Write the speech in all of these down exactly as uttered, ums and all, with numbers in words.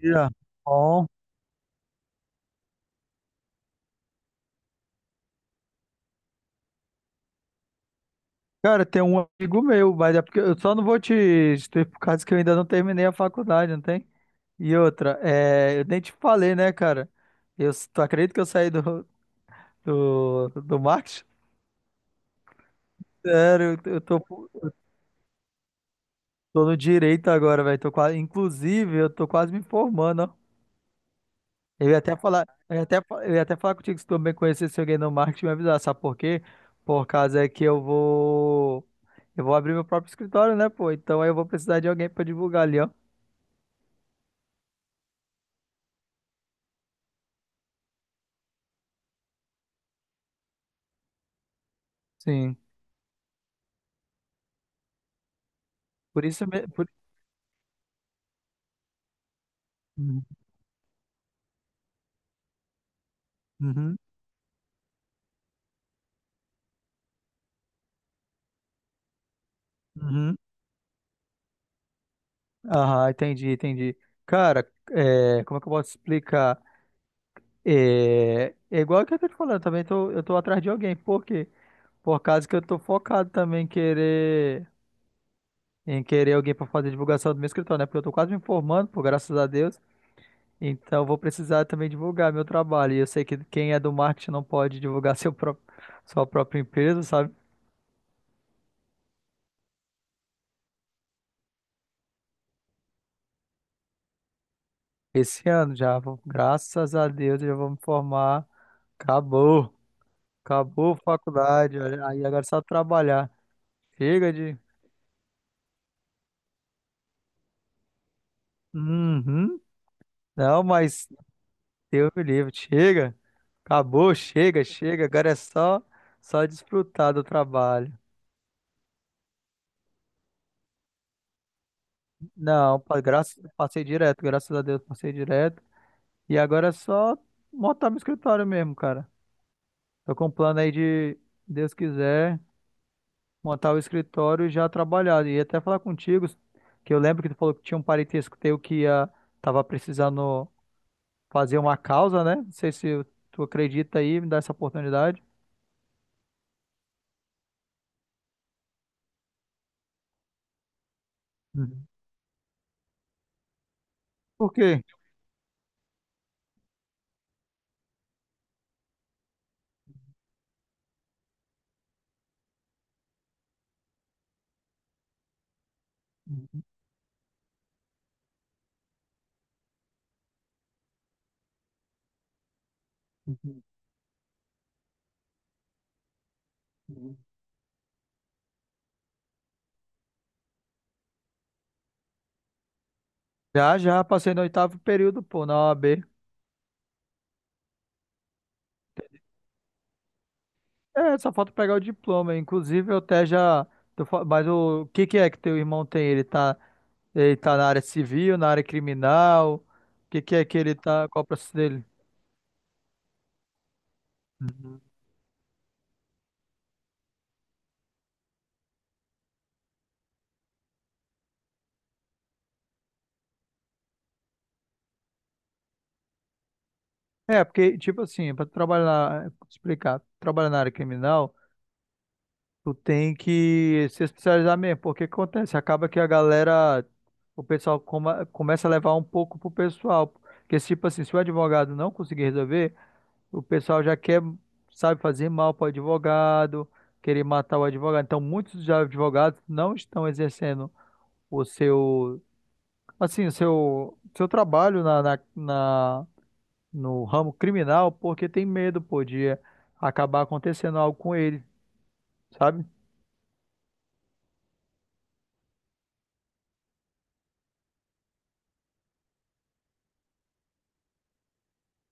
Dia. Bom. Cara, tem um amigo meu, mas é porque eu só não vou te, te ter por causa que eu ainda não terminei a faculdade, não tem? E outra, é, eu nem te falei, né, cara? Eu, s- tu acredita que eu saí do, do, do marketing? Sério, eu eu tô, tô no direito agora, velho. Tô quase, inclusive, eu tô quase me formando, ó. Eu ia até falar, eu ia até, fa- eu ia até falar contigo se tu também conhecesse alguém no marketing, me avisar, sabe por quê? Por causa é que eu vou, Eu vou abrir meu próprio escritório, né, pô? Então aí eu vou precisar de alguém pra divulgar ali, ó. Sim. Por isso, me- por... Uhum, uhum. Uhum. Aham, entendi, entendi. Cara, é, como é que eu posso explicar? É, é igual que eu tô te falando, também tô, eu tô atrás de alguém. Por quê? Por causa que eu tô focado também em querer. Em querer alguém para fazer divulgação do meu escritório, né? Porque eu tô quase me formando, pô, graças a Deus. Então eu vou precisar também divulgar meu trabalho. E eu sei que quem é do marketing não pode divulgar seu próprio, sua própria empresa, sabe? Esse ano já, vou- graças a Deus, eu já vou me formar. Acabou. Acabou a faculdade. Olha, aí agora é só trabalhar. Chega de. Uhum. Não, mas Deus me livre. Chega. Acabou, chega, chega. Agora é só, só desfrutar do trabalho. Não, pa- graças, passei direto, graças a Deus passei direto. E agora é só montar meu escritório mesmo, cara. Tô com um plano aí de, Deus quiser, montar o escritório e já trabalhar. E até falar contigo, que eu lembro que tu falou que tinha um parentesco teu que ia, tava precisando fazer uma causa, né? Não sei se tu acredita aí, me dá essa oportunidade. Uhum. Por quê? Uhum. Já, já passei no oitavo período, pô, na O A B. É, só falta pegar o diploma. Inclusive, eu até já. tô fa- Mas o que que é que teu irmão tem? Ele tá, ele tá na área civil, na área criminal? O que que é que ele tá? Qual o processo dele? Uhum. É, porque, tipo assim, pra trabalhar, na- pra te explicar, trabalhar na área criminal, tu tem que se especializar mesmo. Porque o que acontece? Acaba que a galera, o pessoal coma- começa a levar um pouco pro pessoal. Porque, tipo assim, se o advogado não conseguir resolver. O pessoal já quer, sabe, fazer mal para o advogado, querer matar o advogado. Então, muitos já advogados não estão exercendo o seu, assim, o seu, seu trabalho na, na, na- no ramo criminal porque tem medo, pô, de acabar acontecendo algo com ele, sabe?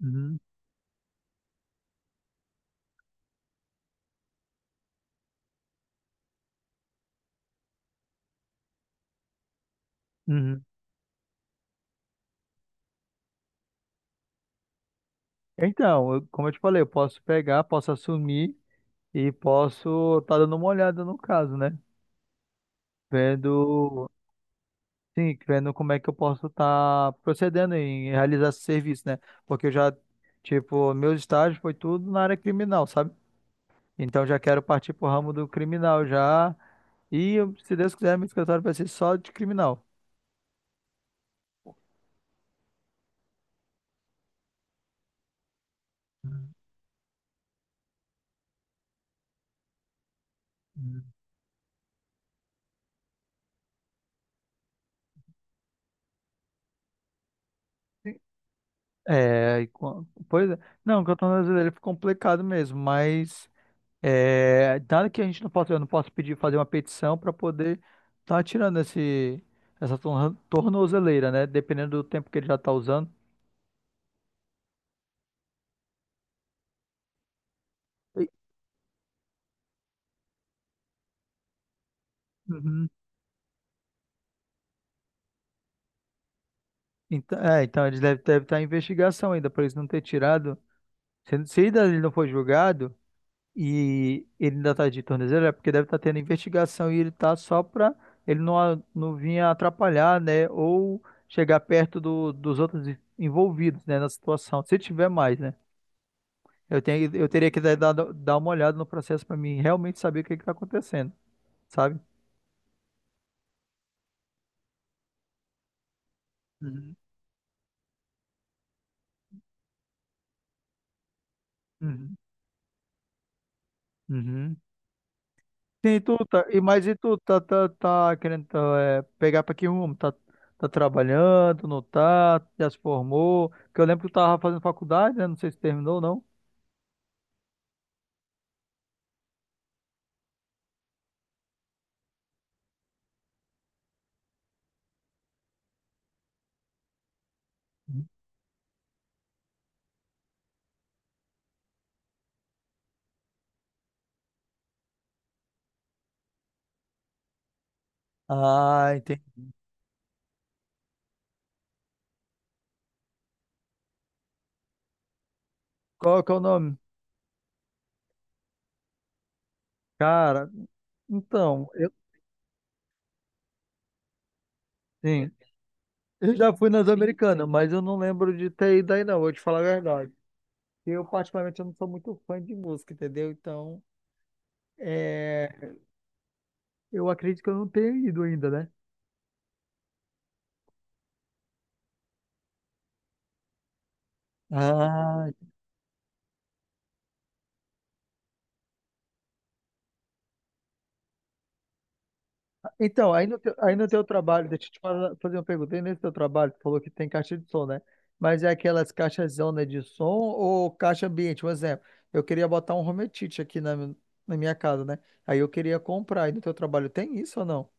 Uhum, uhum. Então, eu- como eu te falei, eu posso pegar, posso assumir e posso estar dando uma olhada no caso, né? Vendo. Sim, vendo como é que eu posso estar procedendo em realizar esse serviço, né? Porque eu já, tipo, meus estágios foi tudo na área criminal, sabe? Então já quero partir pro ramo do criminal já. E se Deus quiser, meu escritório vai ser só de criminal. Hum. É, e co- pois é. Não, o Canton Brasileiro ficou complicado mesmo, mas é, nada que a gente não possa, eu não posso pedir fazer uma petição para poder estar tirando esse, essa torno- tornozeleira, né? Dependendo do tempo que ele já está usando. Uhum. Então, é, então eles devem, devem estar em investigação ainda, por eles não ter tirado. Se, se ainda ele não for julgado e ele ainda está de tornozelo, é porque deve estar tendo investigação e ele está só para ele não, a- não vir atrapalhar, né? Ou chegar perto do- dos outros envolvidos, né, na situação. Se tiver mais, né? Eu tenho, eu teria que dar, dar dar uma olhada no processo para mim realmente saber o que está acontecendo, sabe? Uhum, uhum. Uhum. Sim, tu tá, e mas e tu tá, tá, tá querendo tá, é, pegar pra que rumo? Tá, tá trabalhando, não tá? Já se formou? Porque eu lembro que tu tava fazendo faculdade, né? Não sei se terminou ou não. Ah, entendi. Qual que é o nome? Cara, então, eu, sim, eu já fui nas americanas, mas eu não lembro de ter ido aí não, vou te falar a verdade. Eu, particularmente, eu não sou muito fã de música, entendeu? Então, é, eu acredito que eu não tenha ido ainda, né? Ah, então, aí no teu, aí no teu trabalho, deixa eu te falar- fazer uma pergunta. Aí nesse teu trabalho, tu falou que tem caixa de som, né? Mas é aquelas caixas zona de som ou caixa ambiente? Um exemplo, eu queria botar um home theater aqui na, mi- na minha casa, né? Aí eu queria comprar. Aí no teu trabalho tem isso ou não?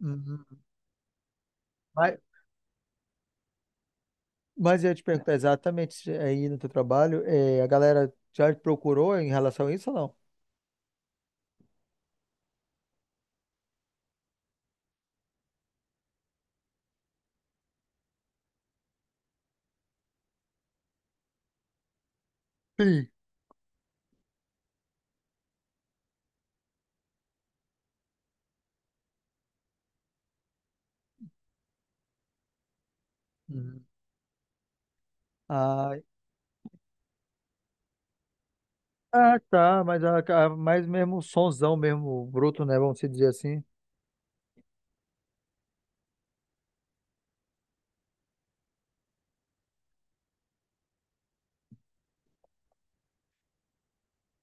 Uhum. Mas, mas eu ia te perguntar exatamente se aí no teu trabalho, eh, a galera já te procurou em relação a isso ou não? Sim. Uhum. Ah, ah, tá, mas, a, a- mas mesmo sonzão, mesmo bruto, né? Vamos se dizer assim.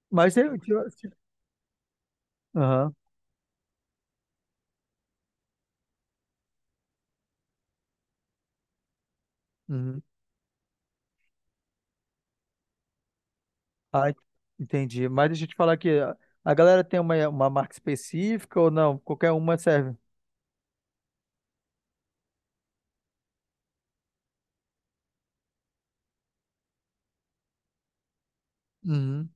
Mas eu, aham. Uhum. Ah, en- entendi. Mas deixa eu te falar aqui, a a galera tem uma, uma marca específica ou não? Qualquer uma serve? Uhum.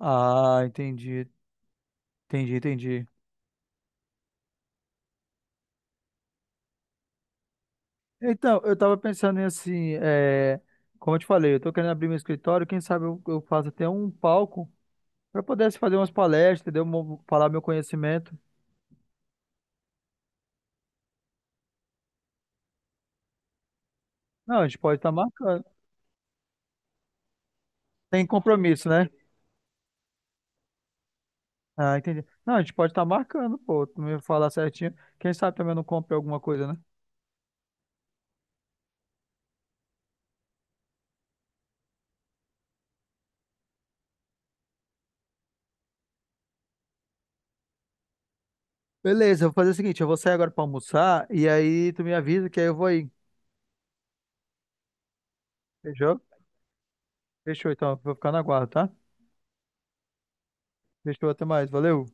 Ah, entendi. Entendi, entendi. Então, eu tava pensando em assim, é, como eu te falei, eu tô querendo abrir meu escritório, quem sabe eu, eu faço até um palco para poder assim, fazer umas palestras, entendeu? Mo- Falar meu conhecimento. Não, a gente pode estar marcando. Tem compromisso, né? Ah, entendi. Não, a gente pode estar marcando, pô, tu me falar certinho. Quem sabe também eu não compre alguma coisa, né? Beleza, eu vou fazer o seguinte, eu vou sair agora pra almoçar e aí tu me avisa que aí eu vou aí. Fechou? Fechou, então. Vou ficar na guarda, tá? Fechou, até mais. Valeu.